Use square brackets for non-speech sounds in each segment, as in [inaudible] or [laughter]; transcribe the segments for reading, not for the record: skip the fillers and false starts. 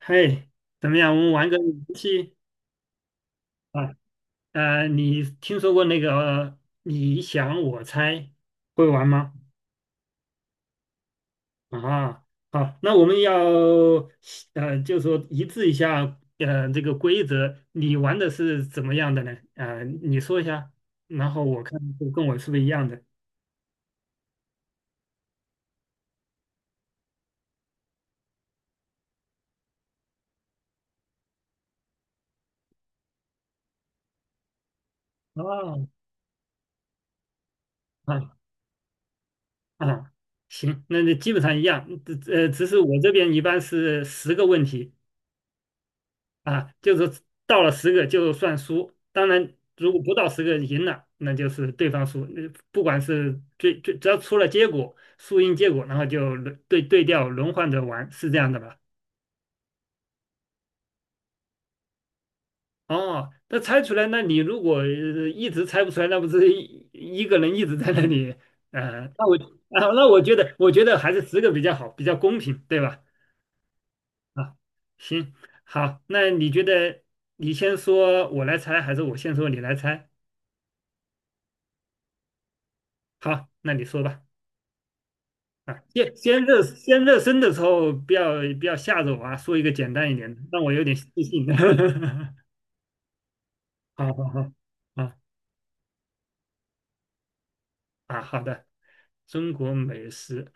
嘿，怎么样？我们玩个游戏啊？你听说过那个你想我猜会玩吗？啊，好，那我们要就说一致一下这个规则，你玩的是怎么样的呢？你说一下，然后我看跟我是不是一样的。哦，啊啊，行，那基本上一样，只是我这边一般是十个问题。啊，就是到了十个就算输，当然如果不到十个赢了，那就是对方输，那不管是只要出了结果，输赢结果，然后就轮对调轮换着玩，是这样的吧？哦，那猜出来，那你如果一直猜不出来，那不是一个人一直在那里，呃，那我啊，那我觉得，我觉得还是十个比较好，比较公平，对吧？啊，行，好，那你觉得你先说我来猜，还是我先说你来猜？好，那你说吧。啊，先先热先热身的时候，不要吓着我啊，说一个简单一点的，让我有点自信。[laughs] 好好好，啊啊，好的。中国美食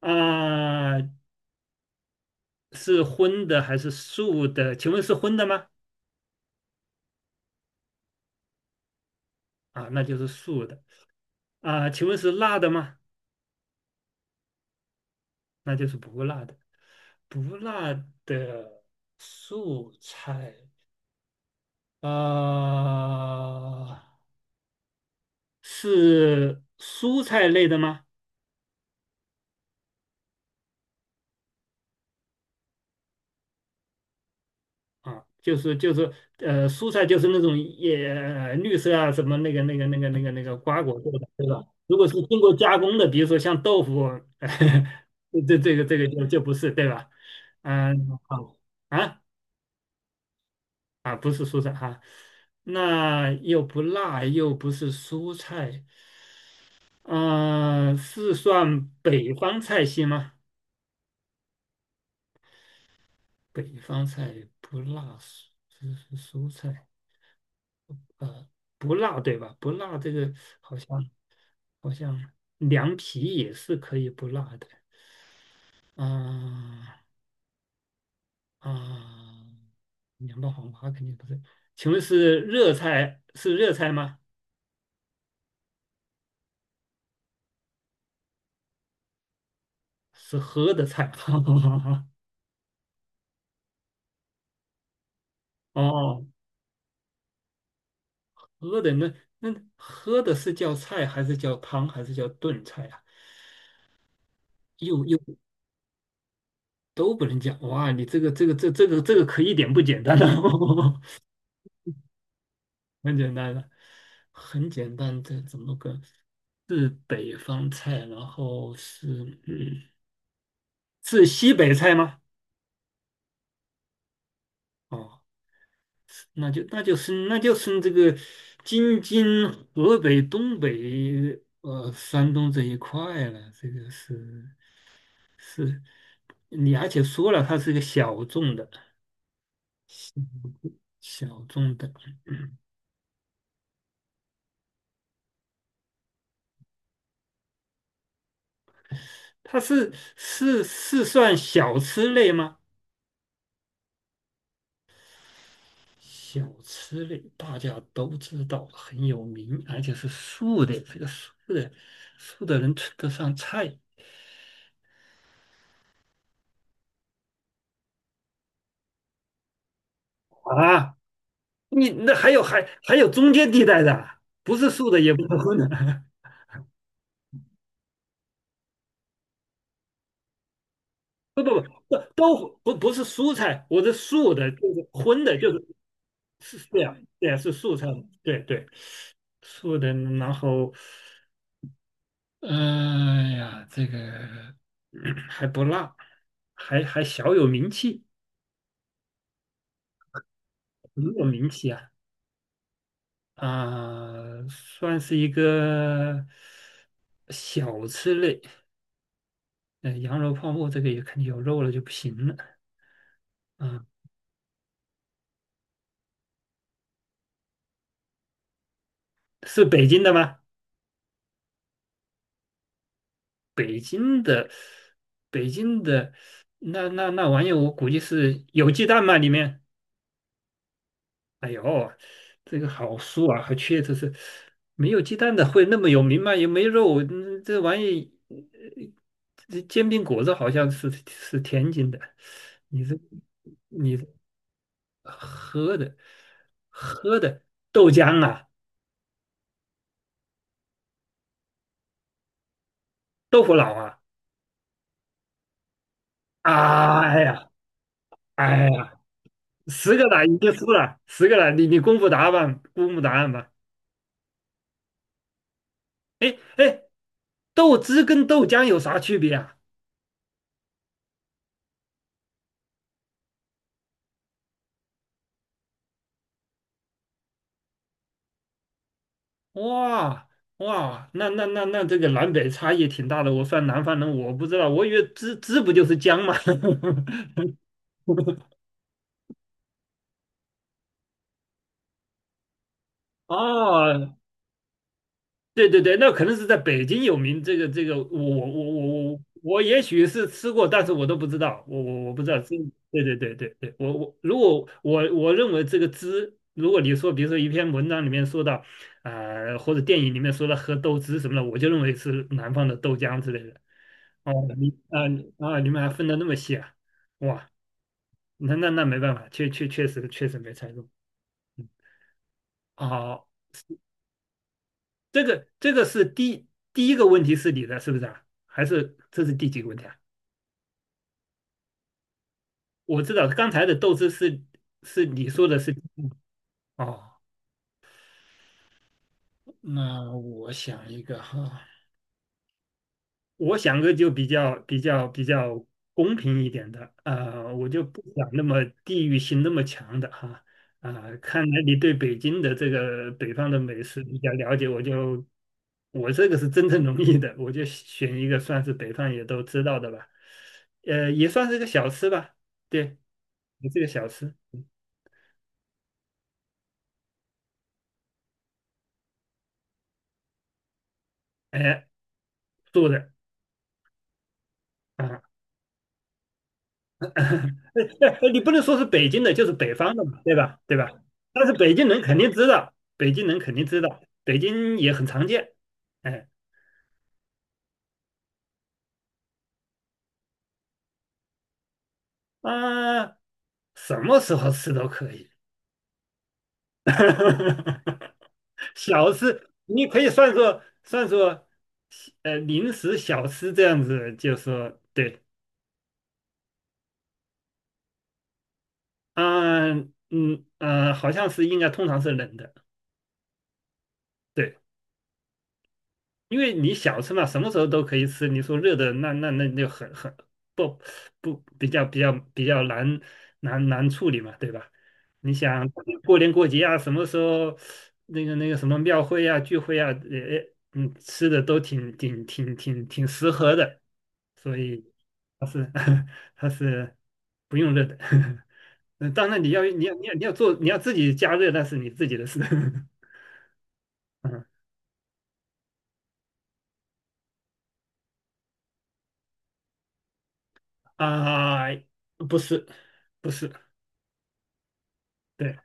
啊，是荤的还是素的？请问是荤的吗？啊，那就是素的。啊，请问是辣的吗？那就是不辣的。不辣的素菜啊。是蔬菜类的吗？啊，就是蔬菜就是那种也绿色啊，什么那个瓜果做的，对吧？如果是经过加工的，比如说像豆腐，[laughs] 这个就不是，对吧？嗯，好啊啊，不是蔬菜哈、啊那又不辣，又不是蔬菜，嗯、是算北方菜系吗？北方菜不辣，是蔬菜。呃，不辣对吧？不辣这个好像好像凉皮也是可以不辣的啊啊，凉拌黄瓜肯定不是。请问是热菜吗？是喝的菜？[laughs] 哦，喝的那喝的是叫菜还是叫汤还是叫炖菜啊？又都不能讲哇！你这个可一点不简单了，[laughs] 很简单了，很简单，这怎么个？是北方菜，然后嗯是西北菜吗？哦，那就是这个京津河北东北山东这一块了，这个是是，你而且说了它是一个小众的小众的，嗯它是算小吃类吗？小吃类大家都知道很有名，而且是素的，这个素的能吃得上菜啊？你那还有中间地带的，不是素的也不是荤的，[laughs] 不不不，都不是蔬菜，我的素的就是荤的，就是这样，对呀是素菜，对对，素的，然后，哎呀，这个还不辣，还小有名气，很有名气啊。啊、算是一个小吃类。嗯、羊肉泡馍这个也肯定有肉了就不行了。啊、是北京的吗？北京的，北京的，那玩意儿，我估计是有鸡蛋吗？里面？哎呦，这个好酥啊，还缺这是没有鸡蛋的会那么有名吗？也没肉，这玩意，这煎饼果子好像是天津的，你这你。喝的喝的豆浆啊，豆腐脑啊，哎呀哎呀，十个奶你就输了，十个奶你公布答案吧，公布答案吧。哎哎，豆汁跟豆浆有啥区别啊？哇哇，那那那那这个南北差异挺大的。我算南方人，我不知道，我以为汁不就是姜吗？[laughs] 哦对对对，那可能是在北京有名。我也许是吃过，但是我都不知道，我不知道。对对对对对，我如果我认为这个汁，如果你说比如说一篇文章里面说到，或者电影里面说到喝豆汁什么的，我就认为是南方的豆浆之类的。哦，你啊，你们还分得那么细啊？哇，那没办法，确实没猜中。嗯，好。这个是第一个问题是你的，是不是啊？还是这是第几个问题啊？我知道刚才的斗志是你说的是哦，那我想一个哈，我想个就比较公平一点的，我就不想那么地域性那么强的哈，啊、看来你对北京的这个北方的美食比较了解，我这个是真正容易的，我就选一个算是北方也都知道的吧，也算是个小吃吧，对，也是个小吃，哎，做的啊、[laughs] 对，你不能说是北京的，就是北方的嘛，对吧？对吧？但是北京人肯定知道，北京人肯定知道，北京也很常见。哎，啊，什么时候吃都可以，[laughs] 小吃你可以算作，零食小吃这样子，就说对，啊，好像是应该通常是冷的，对。因为你小吃嘛，什么时候都可以吃。你说热的，那就很不不比较难处理嘛，对吧？你想过年过节啊，什么时候那个什么庙会啊、聚会啊，吃的都挺适合的，所以它是 [laughs] 它是不用热的。[laughs] 嗯，当然你要做，你要自己加热，那是你自己的事。[laughs] 嗯啊，不是不是。对，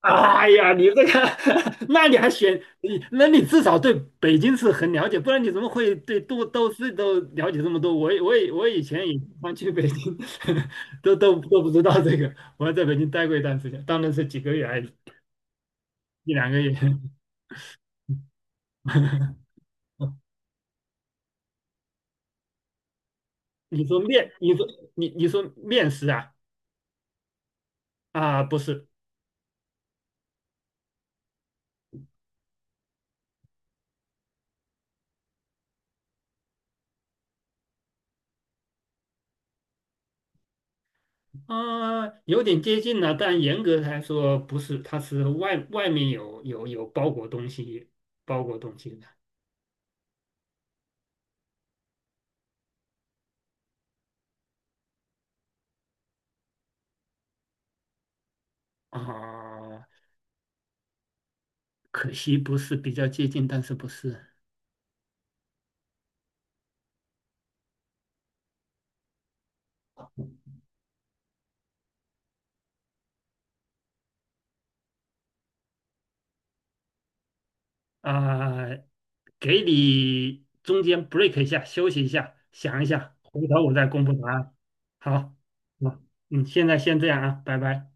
哎呀，你这个，[laughs] 那你还选你？那你至少对北京市很了解，不然你怎么会对都市都了解这么多？我也我以前也经常去北京，[laughs] 都不知道这个。我还在北京待过一段时间，当然是几个月而已，一两个月。[laughs] 你说面，你说你说面食啊？啊，不是，啊、有点接近了，但严格来说不是，它是面有包裹东西，包裹东西的。啊，可惜不是比较接近，但是不是啊，给你中间 break 一下，休息一下，想一下，回头我再公布答案。好，好，嗯，现在先这样啊，拜拜。